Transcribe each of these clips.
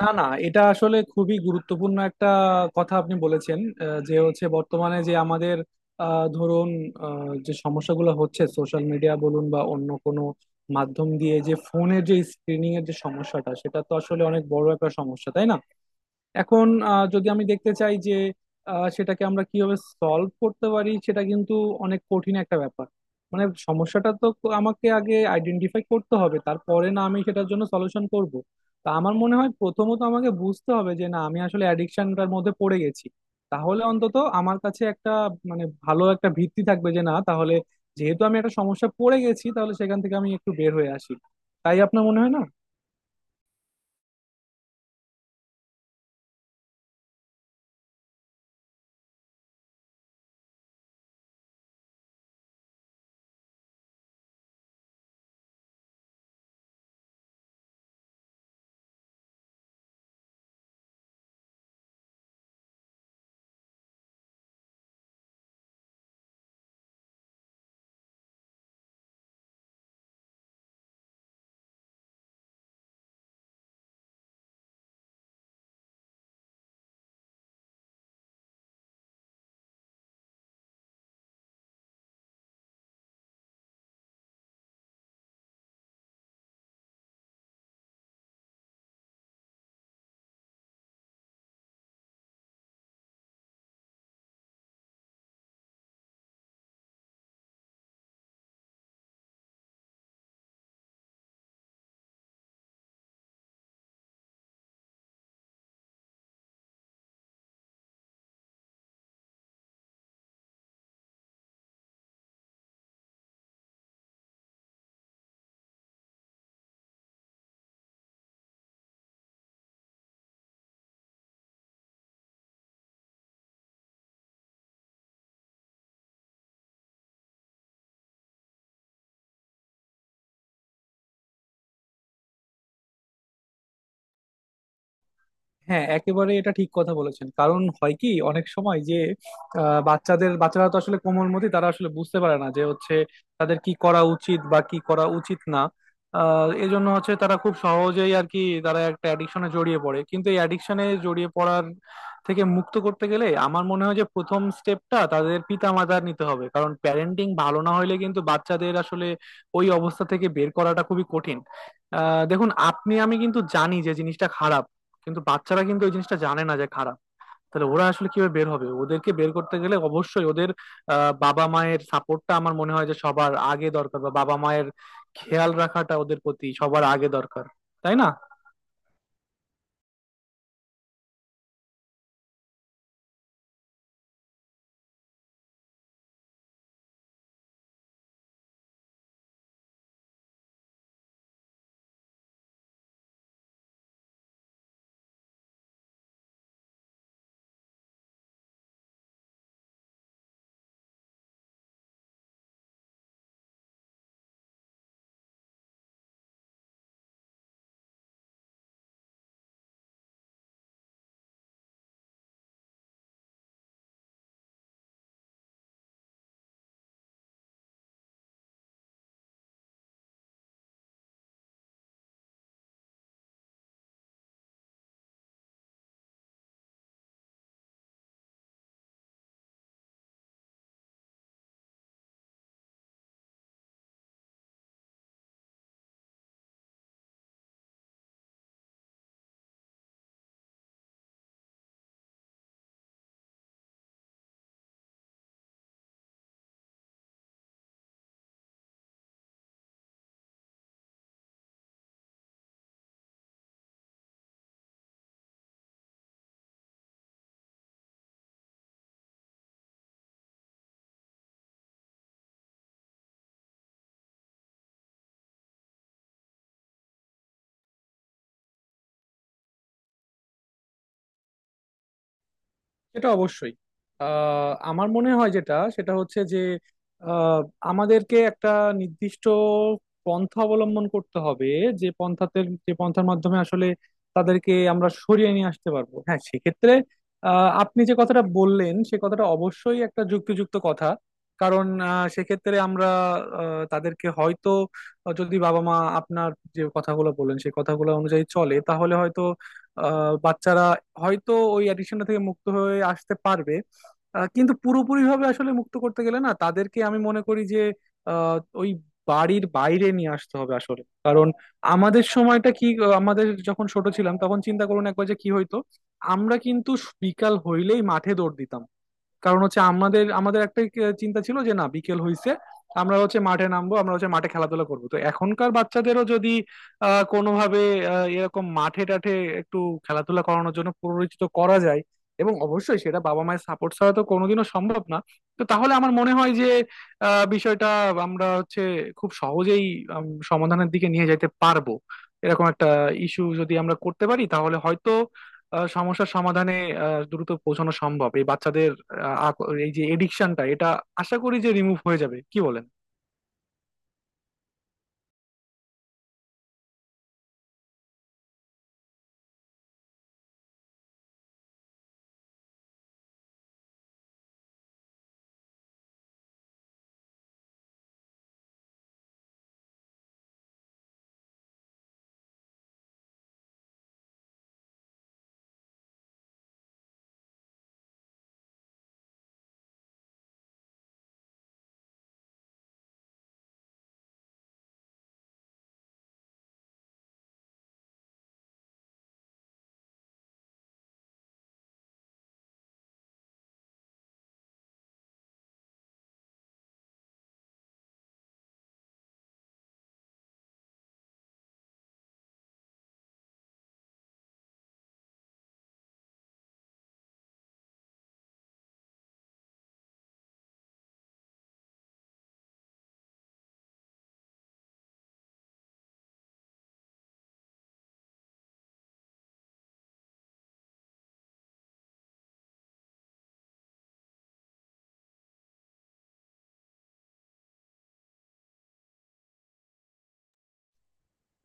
না না, এটা আসলে খুবই গুরুত্বপূর্ণ একটা কথা আপনি বলেছেন। যে হচ্ছে বর্তমানে যে আমাদের ধরুন যে সমস্যাগুলো হচ্ছে সোশ্যাল মিডিয়া বলুন বা অন্য কোনো মাধ্যম দিয়ে, যে ফোনের যে স্ক্রিনিং এর যে সমস্যাটা, সেটা তো আসলে অনেক বড় একটা সমস্যা, তাই না? এখন যদি আমি দেখতে চাই যে সেটাকে আমরা কিভাবে সলভ করতে পারি, সেটা কিন্তু অনেক কঠিন একটা ব্যাপার। মানে সমস্যাটা তো আমাকে আগে আইডেন্টিফাই করতে হবে, তারপরে না আমি সেটার জন্য সলিউশন করব। তা আমার মনে হয় প্রথমত আমাকে বুঝতে হবে যে, না, আমি আসলে অ্যাডিকশনটার মধ্যে পড়ে গেছি। তাহলে অন্তত আমার কাছে একটা, মানে, ভালো একটা ভিত্তি থাকবে যে, না, তাহলে যেহেতু আমি একটা সমস্যা পড়ে গেছি, তাহলে সেখান থেকে আমি একটু বের হয়ে আসি। তাই আপনার মনে হয় না? হ্যাঁ, একেবারে এটা ঠিক কথা বলেছেন। কারণ হয় কি, অনেক সময় যে বাচ্চাদের বাচ্চারা তো আসলে কোমলমতি, তারা আসলে বুঝতে পারে না যে হচ্ছে তাদের কি করা উচিত বা কি করা উচিত না। এই জন্য হচ্ছে তারা খুব সহজেই আর কি, তারা একটা অ্যাডিকশনে জড়িয়ে পড়ে। কিন্তু এই অ্যাডিকশনে জড়িয়ে পড়ার থেকে মুক্ত করতে গেলে আমার মনে হয় যে প্রথম স্টেপটা তাদের পিতামাতার নিতে হবে, কারণ প্যারেন্টিং ভালো না হলে কিন্তু বাচ্চাদের আসলে ওই অবস্থা থেকে বের করাটা খুবই কঠিন। দেখুন, আপনি আমি কিন্তু জানি যে জিনিসটা খারাপ, কিন্তু বাচ্চারা কিন্তু ওই জিনিসটা জানে না যে খারাপ। তাহলে ওরা আসলে কিভাবে বের হবে? ওদেরকে বের করতে গেলে অবশ্যই ওদের বাবা মায়ের সাপোর্টটা আমার মনে হয় যে সবার আগে দরকার, বা বাবা মায়ের খেয়াল রাখাটা ওদের প্রতি সবার আগে দরকার, তাই না? এটা অবশ্যই আমার মনে হয় যেটা, সেটা হচ্ছে যে আহ, আমাদেরকে একটা নির্দিষ্ট পন্থা অবলম্বন করতে হবে, যে পন্থাতে, যে পন্থার মাধ্যমে আসলে তাদেরকে আমরা সরিয়ে নিয়ে আসতে পারবো। হ্যাঁ, সেক্ষেত্রে আপনি যে কথাটা বললেন, সে কথাটা অবশ্যই একটা যুক্তিযুক্ত কথা। কারণ সেক্ষেত্রে আমরা তাদেরকে হয়তো, যদি বাবা মা আপনার যে কথাগুলো বললেন সেই কথাগুলো অনুযায়ী চলে, তাহলে হয়তো বাচ্চারা হয়তো ওই অ্যাডিকশনটা থেকে মুক্ত হয়ে আসতে পারবে। কিন্তু পুরোপুরি ভাবে আসলে মুক্ত করতে গেলে না তাদেরকে আমি মনে করি যে আহ, ওই বাড়ির বাইরে নিয়ে আসতে হবে আসলে। কারণ আমাদের সময়টা কি, আমাদের যখন ছোট ছিলাম তখন চিন্তা করুন একবার যে কি হইতো, আমরা কিন্তু বিকাল হইলেই মাঠে দৌড় দিতাম। কারণ হচ্ছে আমাদের আমাদের একটা চিন্তা ছিল যে, না, বিকেল হইছে, আমরা হচ্ছে মাঠে নামবো, আমরা হচ্ছে মাঠে খেলাধুলা করবো। তো এখনকার বাচ্চাদেরও যদি কোনোভাবে এরকম মাঠে টাঠে একটু খেলাধুলা করানোর জন্য পরিচিত করা যায়, এবং অবশ্যই সেটা বাবা মায়ের সাপোর্ট ছাড়া তো কোনোদিনও সম্ভব না, তো তাহলে আমার মনে হয় যে বিষয়টা আমরা হচ্ছে খুব সহজেই সমাধানের দিকে নিয়ে যেতে পারবো। এরকম একটা ইস্যু যদি আমরা করতে পারি, তাহলে হয়তো সমস্যার সমাধানে দ্রুত পৌঁছানো সম্ভব। এই বাচ্চাদের এই যে এডিকশনটা, এটা আশা করি যে রিমুভ হয়ে যাবে, কি বলেন?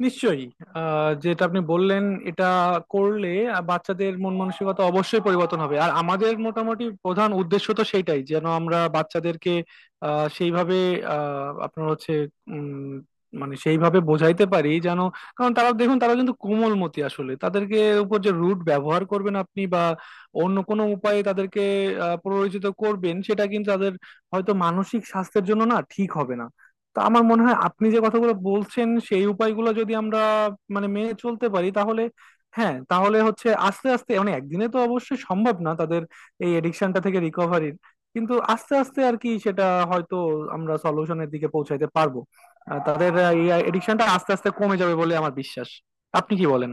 নিশ্চয়ই। যেটা আপনি বললেন এটা করলে বাচ্চাদের মন মানসিকতা অবশ্যই পরিবর্তন হবে। আর আমাদের মোটামুটি প্রধান উদ্দেশ্য তো সেইটাই, যেন আমরা বাচ্চাদেরকে সেইভাবে আহ, আপনার হচ্ছে উম, মানে সেইভাবে বোঝাইতে পারি। যেন, কারণ তারা দেখুন, তারা কিন্তু কোমলমতি আসলে। তাদেরকে উপর যে রুট ব্যবহার করবেন আপনি বা অন্য কোনো উপায়ে তাদেরকে প্ররোচিত করবেন, সেটা কিন্তু তাদের হয়তো মানসিক স্বাস্থ্যের জন্য না ঠিক হবে না। তো আমার মনে হয় আপনি যে কথাগুলো বলছেন সেই উপায়গুলো যদি আমরা, মানে, মেনে চলতে পারি তাহলে হ্যাঁ, তাহলে হচ্ছে আস্তে আস্তে, মানে একদিনে তো অবশ্যই সম্ভব না তাদের এই এডিকশনটা থেকে রিকভারির, কিন্তু আস্তে আস্তে আর কি সেটা হয়তো আমরা সলিউশনের দিকে পৌঁছাইতে পারবো। তাদের এই এডিকশনটা আস্তে আস্তে কমে যাবে বলে আমার বিশ্বাস। আপনি কি বলেন?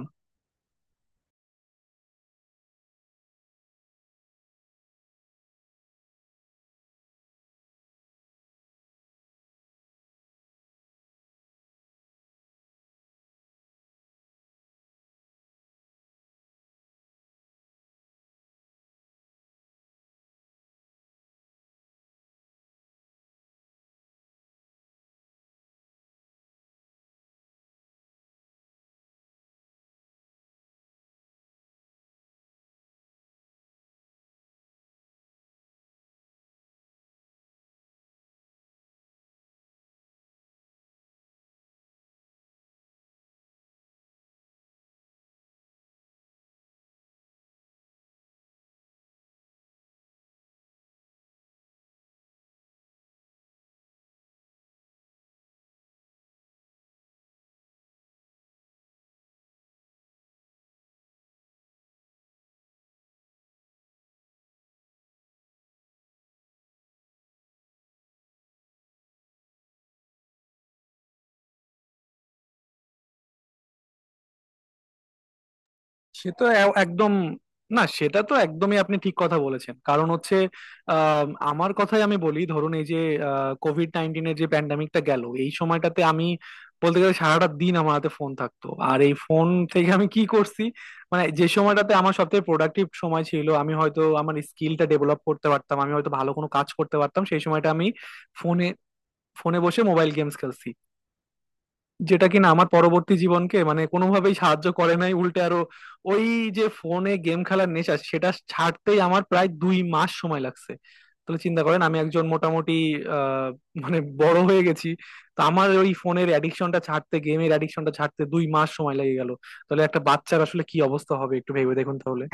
সে তো একদম, না সেটা তো একদমই আপনি ঠিক কথা বলেছেন। কারণ হচ্ছে আমার কথাই আমি বলি। ধরুন এই যে কোভিড-19 এর যে প্যান্ডামিকটা গেল, এই সময়টাতে আমি বলতে গেলে সারাটা দিন আমার হাতে ফোন থাকতো। আর এই ফোন থেকে আমি কি করছি, মানে, যে সময়টাতে আমার সবথেকে প্রোডাক্টিভ সময় ছিল, আমি হয়তো আমার স্কিলটা ডেভেলপ করতে পারতাম, আমি হয়তো ভালো কোনো কাজ করতে পারতাম, সেই সময়টা আমি ফোনে ফোনে বসে মোবাইল গেমস খেলছি। যেটা কিনা আমার পরবর্তী জীবনকে, মানে, কোনোভাবেই সাহায্য করে নাই, উল্টে আরো ওই যে ফোনে গেম খেলার নেশা, সেটা ছাড়তেই আমার প্রায় 2 মাস সময় লাগছে। তাহলে চিন্তা করেন, আমি একজন মোটামুটি আহ মানে বড় হয়ে গেছি, তো আমার ওই ফোনের অ্যাডিকশনটা ছাড়তে, গেমের অ্যাডিকশনটা ছাড়তে 2 মাস সময় লেগে গেল, তাহলে একটা বাচ্চার আসলে কি অবস্থা হবে একটু ভেবে দেখুন তাহলে।